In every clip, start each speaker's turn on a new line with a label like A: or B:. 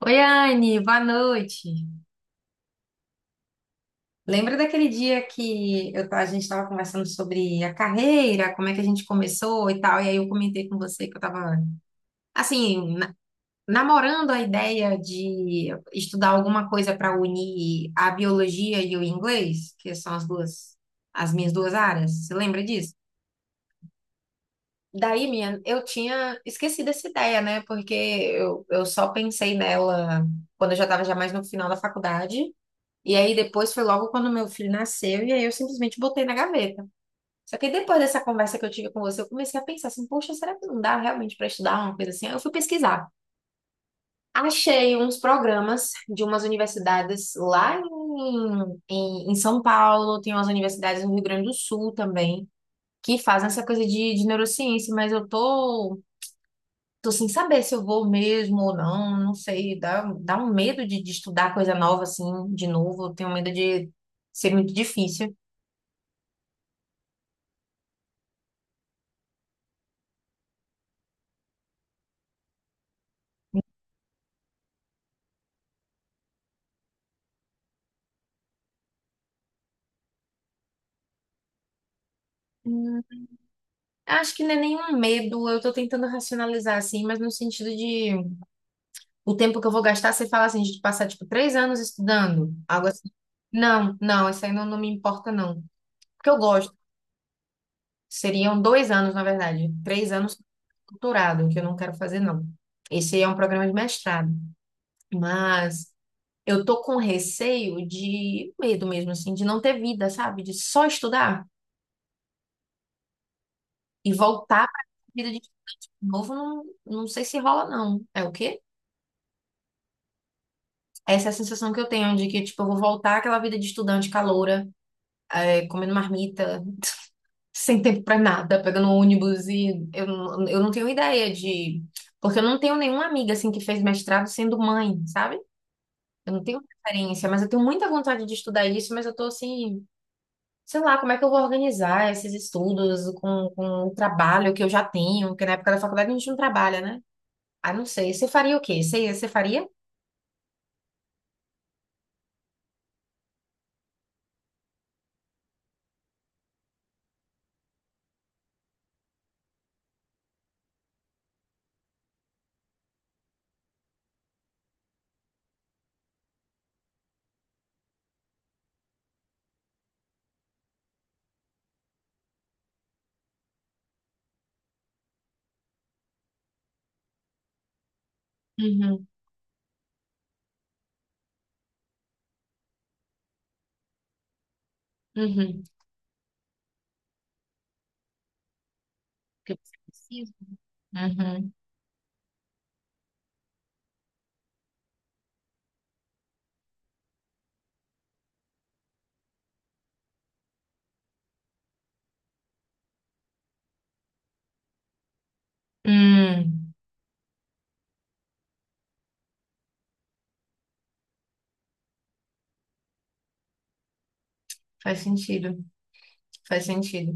A: Oi, Anne, boa noite. Lembra daquele dia que a gente estava conversando sobre a carreira, como é que a gente começou e tal, e aí eu comentei com você que eu estava, assim, namorando a ideia de estudar alguma coisa para unir a biologia e o inglês, que são as minhas duas áreas. Você lembra disso? Daí, minha, eu tinha esquecido essa ideia, né? Porque eu só pensei nela quando eu já estava já mais no final da faculdade. E aí depois foi logo quando meu filho nasceu, e aí eu simplesmente botei na gaveta. Só que depois dessa conversa que eu tive com você, eu comecei a pensar assim, poxa, será que não dá realmente para estudar uma coisa assim? Aí eu fui pesquisar. Achei uns programas de umas universidades lá em São Paulo, tem umas universidades no Rio Grande do Sul também, que fazem essa coisa de neurociência, mas tô sem saber se eu vou mesmo ou não, não sei, dá um medo de estudar coisa nova assim, de novo, eu tenho medo de ser muito difícil. Hum. Acho que não é nenhum medo, eu tô tentando racionalizar assim, mas no sentido de o tempo que eu vou gastar, você fala assim, de passar tipo 3 anos estudando, algo assim. Não, não, isso aí não, não me importa, não. Porque eu gosto. Seriam 2 anos, na verdade. 3 anos doutorado, que eu não quero fazer, não. Esse é um programa de mestrado. Mas eu tô com receio de medo mesmo, assim, de não ter vida, sabe? De só estudar e voltar para a vida de estudante de novo, não, não sei se rola, não. É o quê? Essa é a sensação que eu tenho de que, tipo, eu vou voltar àquela vida de estudante caloura, é, comendo marmita, sem tempo pra nada, pegando um ônibus e eu não tenho ideia de... Porque eu não tenho nenhuma amiga, assim, que fez mestrado sendo mãe, sabe? Eu não tenho referência, mas eu tenho muita vontade de estudar isso, mas eu tô, assim, sei lá, como é que eu vou organizar esses estudos com o trabalho que eu já tenho, porque na época da faculdade a gente não trabalha, né? Ah, não sei. Você faria o quê? Você faria? Uhum, uhum. Que você precisa. Uhum. Hum, faz sentido, faz sentido.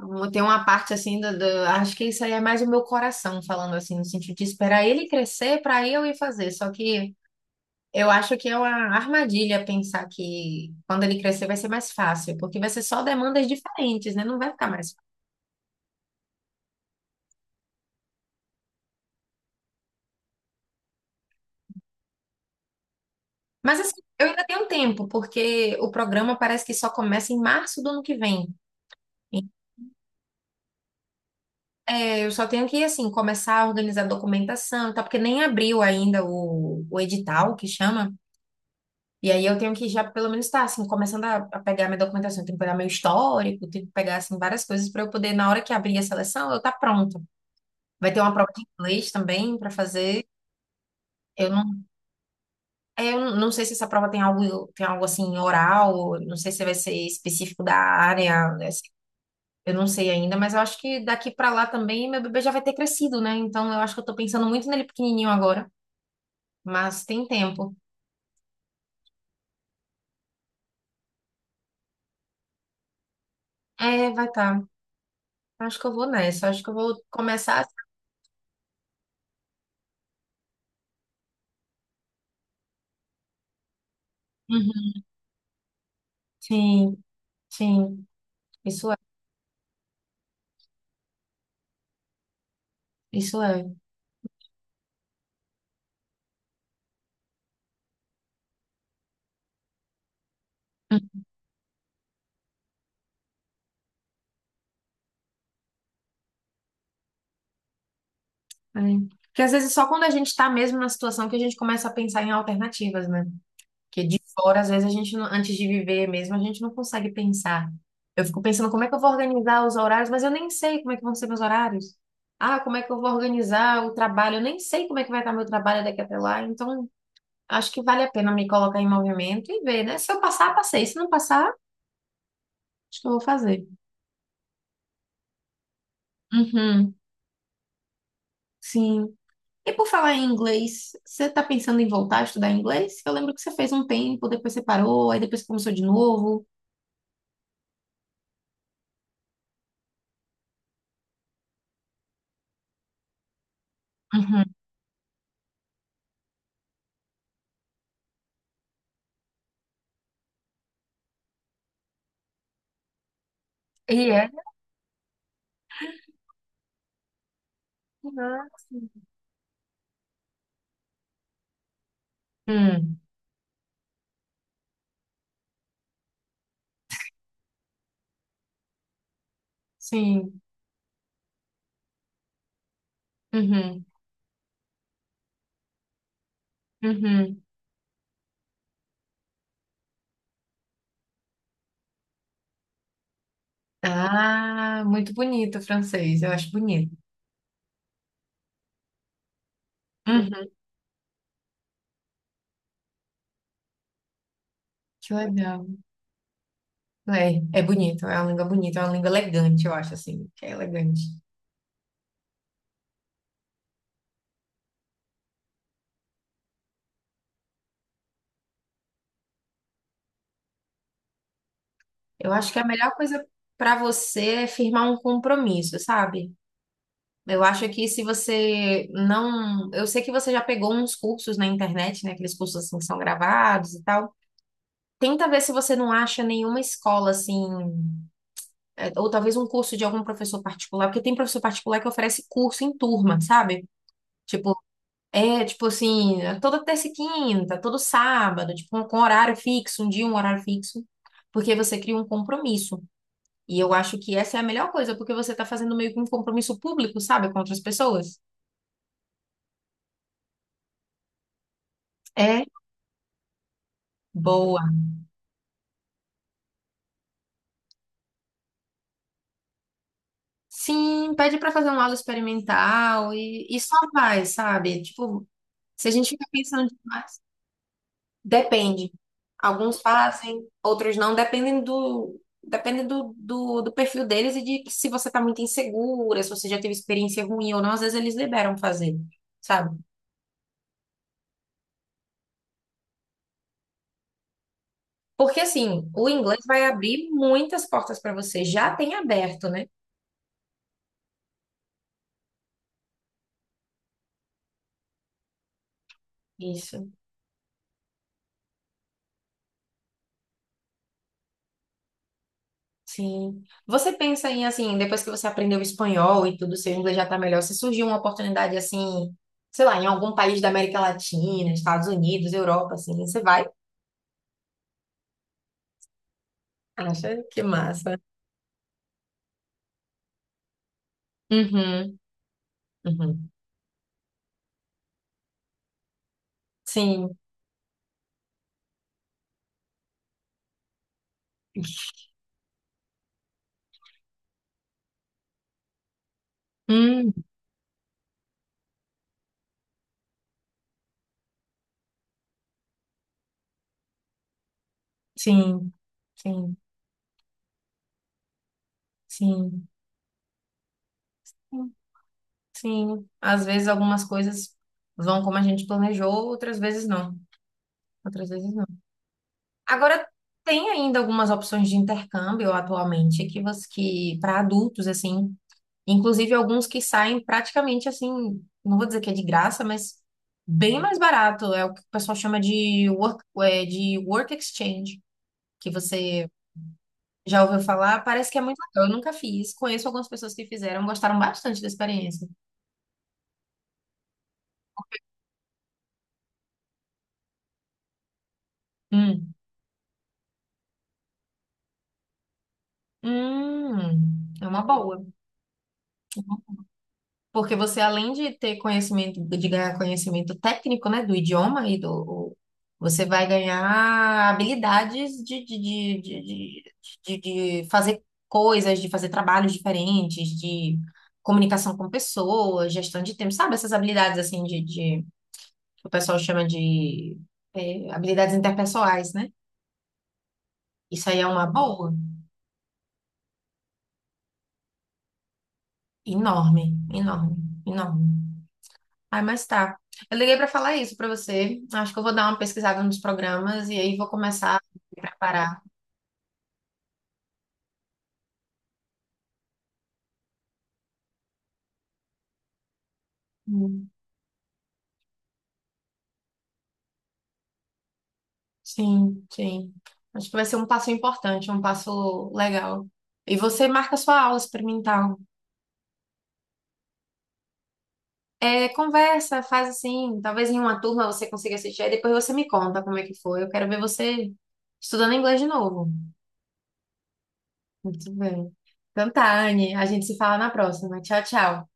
A: Eu tenho uma parte assim acho que isso aí é mais o meu coração falando assim, no sentido de esperar ele crescer para eu ir fazer. Só que eu acho que é uma armadilha pensar que quando ele crescer vai ser mais fácil, porque vai ser só demandas diferentes, né? Não vai ficar mais fácil. Mas assim, eu ainda tenho tempo, porque o programa parece que só começa em março do ano que vem. É, eu só tenho que, assim, começar a organizar documentação e tal, porque nem abriu ainda o edital, que chama. E aí eu tenho que já pelo menos estar assim, começando a pegar minha documentação, eu tenho que pegar meu histórico, tenho que pegar assim várias coisas para eu poder na hora que abrir a seleção, eu estar pronta. Vai ter uma prova de inglês também para fazer. Eu não, é, eu não sei se essa prova tem algo assim oral, não sei se vai ser específico da área, né, assim, eu não sei ainda, mas eu acho que daqui para lá também meu bebê já vai ter crescido, né? Então eu acho que eu tô pensando muito nele pequenininho agora, mas tem tempo. É, vai estar. Tá. Acho que eu vou nessa, acho que eu vou começar. Assim. Uhum. Sim. Sim, isso é, isso é. É. Porque às vezes só quando a gente está mesmo na situação que a gente começa a pensar em alternativas, né? Porque de fora, às vezes, a gente, não- antes de viver mesmo, a gente não consegue pensar. Eu fico pensando como é que eu vou organizar os horários, mas eu nem sei como é que vão ser meus horários. Ah, como é que eu vou organizar o trabalho? Eu nem sei como é que vai estar meu trabalho daqui até lá. Então, acho que vale a pena me colocar em movimento e ver, né? Se eu passar, passei. Se não passar, acho que eu vou fazer. Uhum. Sim. E por falar em inglês, você está pensando em voltar a estudar inglês? Eu lembro que você fez um tempo, depois você parou, aí depois começou de novo. Uhum. E é nossa. Hum, sim. Uhum, uhum. Ah, muito bonito o francês, eu acho bonito. Uhum, que legal. É, é bonito, é uma língua bonita, é uma língua elegante, eu acho assim, que é elegante. Eu acho que a melhor coisa para você é firmar um compromisso, sabe? Eu acho que se você não. Eu sei que você já pegou uns cursos na internet, né? Aqueles cursos assim que são gravados e tal. Tenta ver se você não acha nenhuma escola assim, é, ou talvez um curso de algum professor particular, porque tem professor particular que oferece curso em turma, sabe? Tipo, é tipo assim, é toda terça e quinta, todo sábado, tipo, com horário fixo, um dia, um horário fixo, porque você cria um compromisso. E eu acho que essa é a melhor coisa, porque você tá fazendo meio que um compromisso público, sabe, com outras pessoas. É. Boa. Sim, pede para fazer um aula experimental e só vai, sabe? Tipo, se a gente fica pensando demais, depende. Alguns fazem, outros não, dependem do, depende do perfil deles e de se você tá muito insegura, se você já teve experiência ruim ou não, às vezes eles liberam fazer, sabe? Porque assim, o inglês vai abrir muitas portas para você, já tem aberto, né? Isso. Sim. Você pensa em, assim, depois que você aprendeu espanhol e tudo, seu inglês já tá melhor, se surgiu uma oportunidade, assim, sei lá, em algum país da América Latina, Estados Unidos, Europa, assim, você vai? Acha que massa. Uhum, uhum. Sim. Hum, sim, sim, sim, sim. Às vezes algumas coisas vão como a gente planejou, outras vezes não. Outras vezes não. Agora, tem ainda algumas opções de intercâmbio atualmente que para adultos, assim, inclusive alguns que saem praticamente assim, não vou dizer que é de graça, mas bem mais barato. É o que o pessoal chama é, de work exchange, que você já ouviu falar. Parece que é muito legal. Eu nunca fiz. Conheço algumas pessoas que fizeram, gostaram bastante da experiência. Hum, é uma boa. Porque você, além de ter conhecimento, de ganhar conhecimento técnico, né, do idioma e do, o- você vai ganhar habilidades de fazer coisas, de fazer trabalhos diferentes, de comunicação com pessoas, gestão de tempo, sabe? Essas habilidades, assim, que o pessoal chama de, habilidades interpessoais, né? Isso aí é uma boa, enorme, enorme, enorme. Ai, mas tá. Eu liguei pra falar isso pra você. Acho que eu vou dar uma pesquisada nos programas e aí vou começar a me preparar. Hum. Sim, sim. Acho que vai ser um passo importante, um passo legal. E você marca sua aula experimental. É, conversa, faz assim. Talvez em uma turma você consiga assistir, aí depois você me conta como é que foi. Eu quero ver você estudando inglês de novo. Muito bem. Então tá, Anne. A gente se fala na próxima. Tchau, tchau.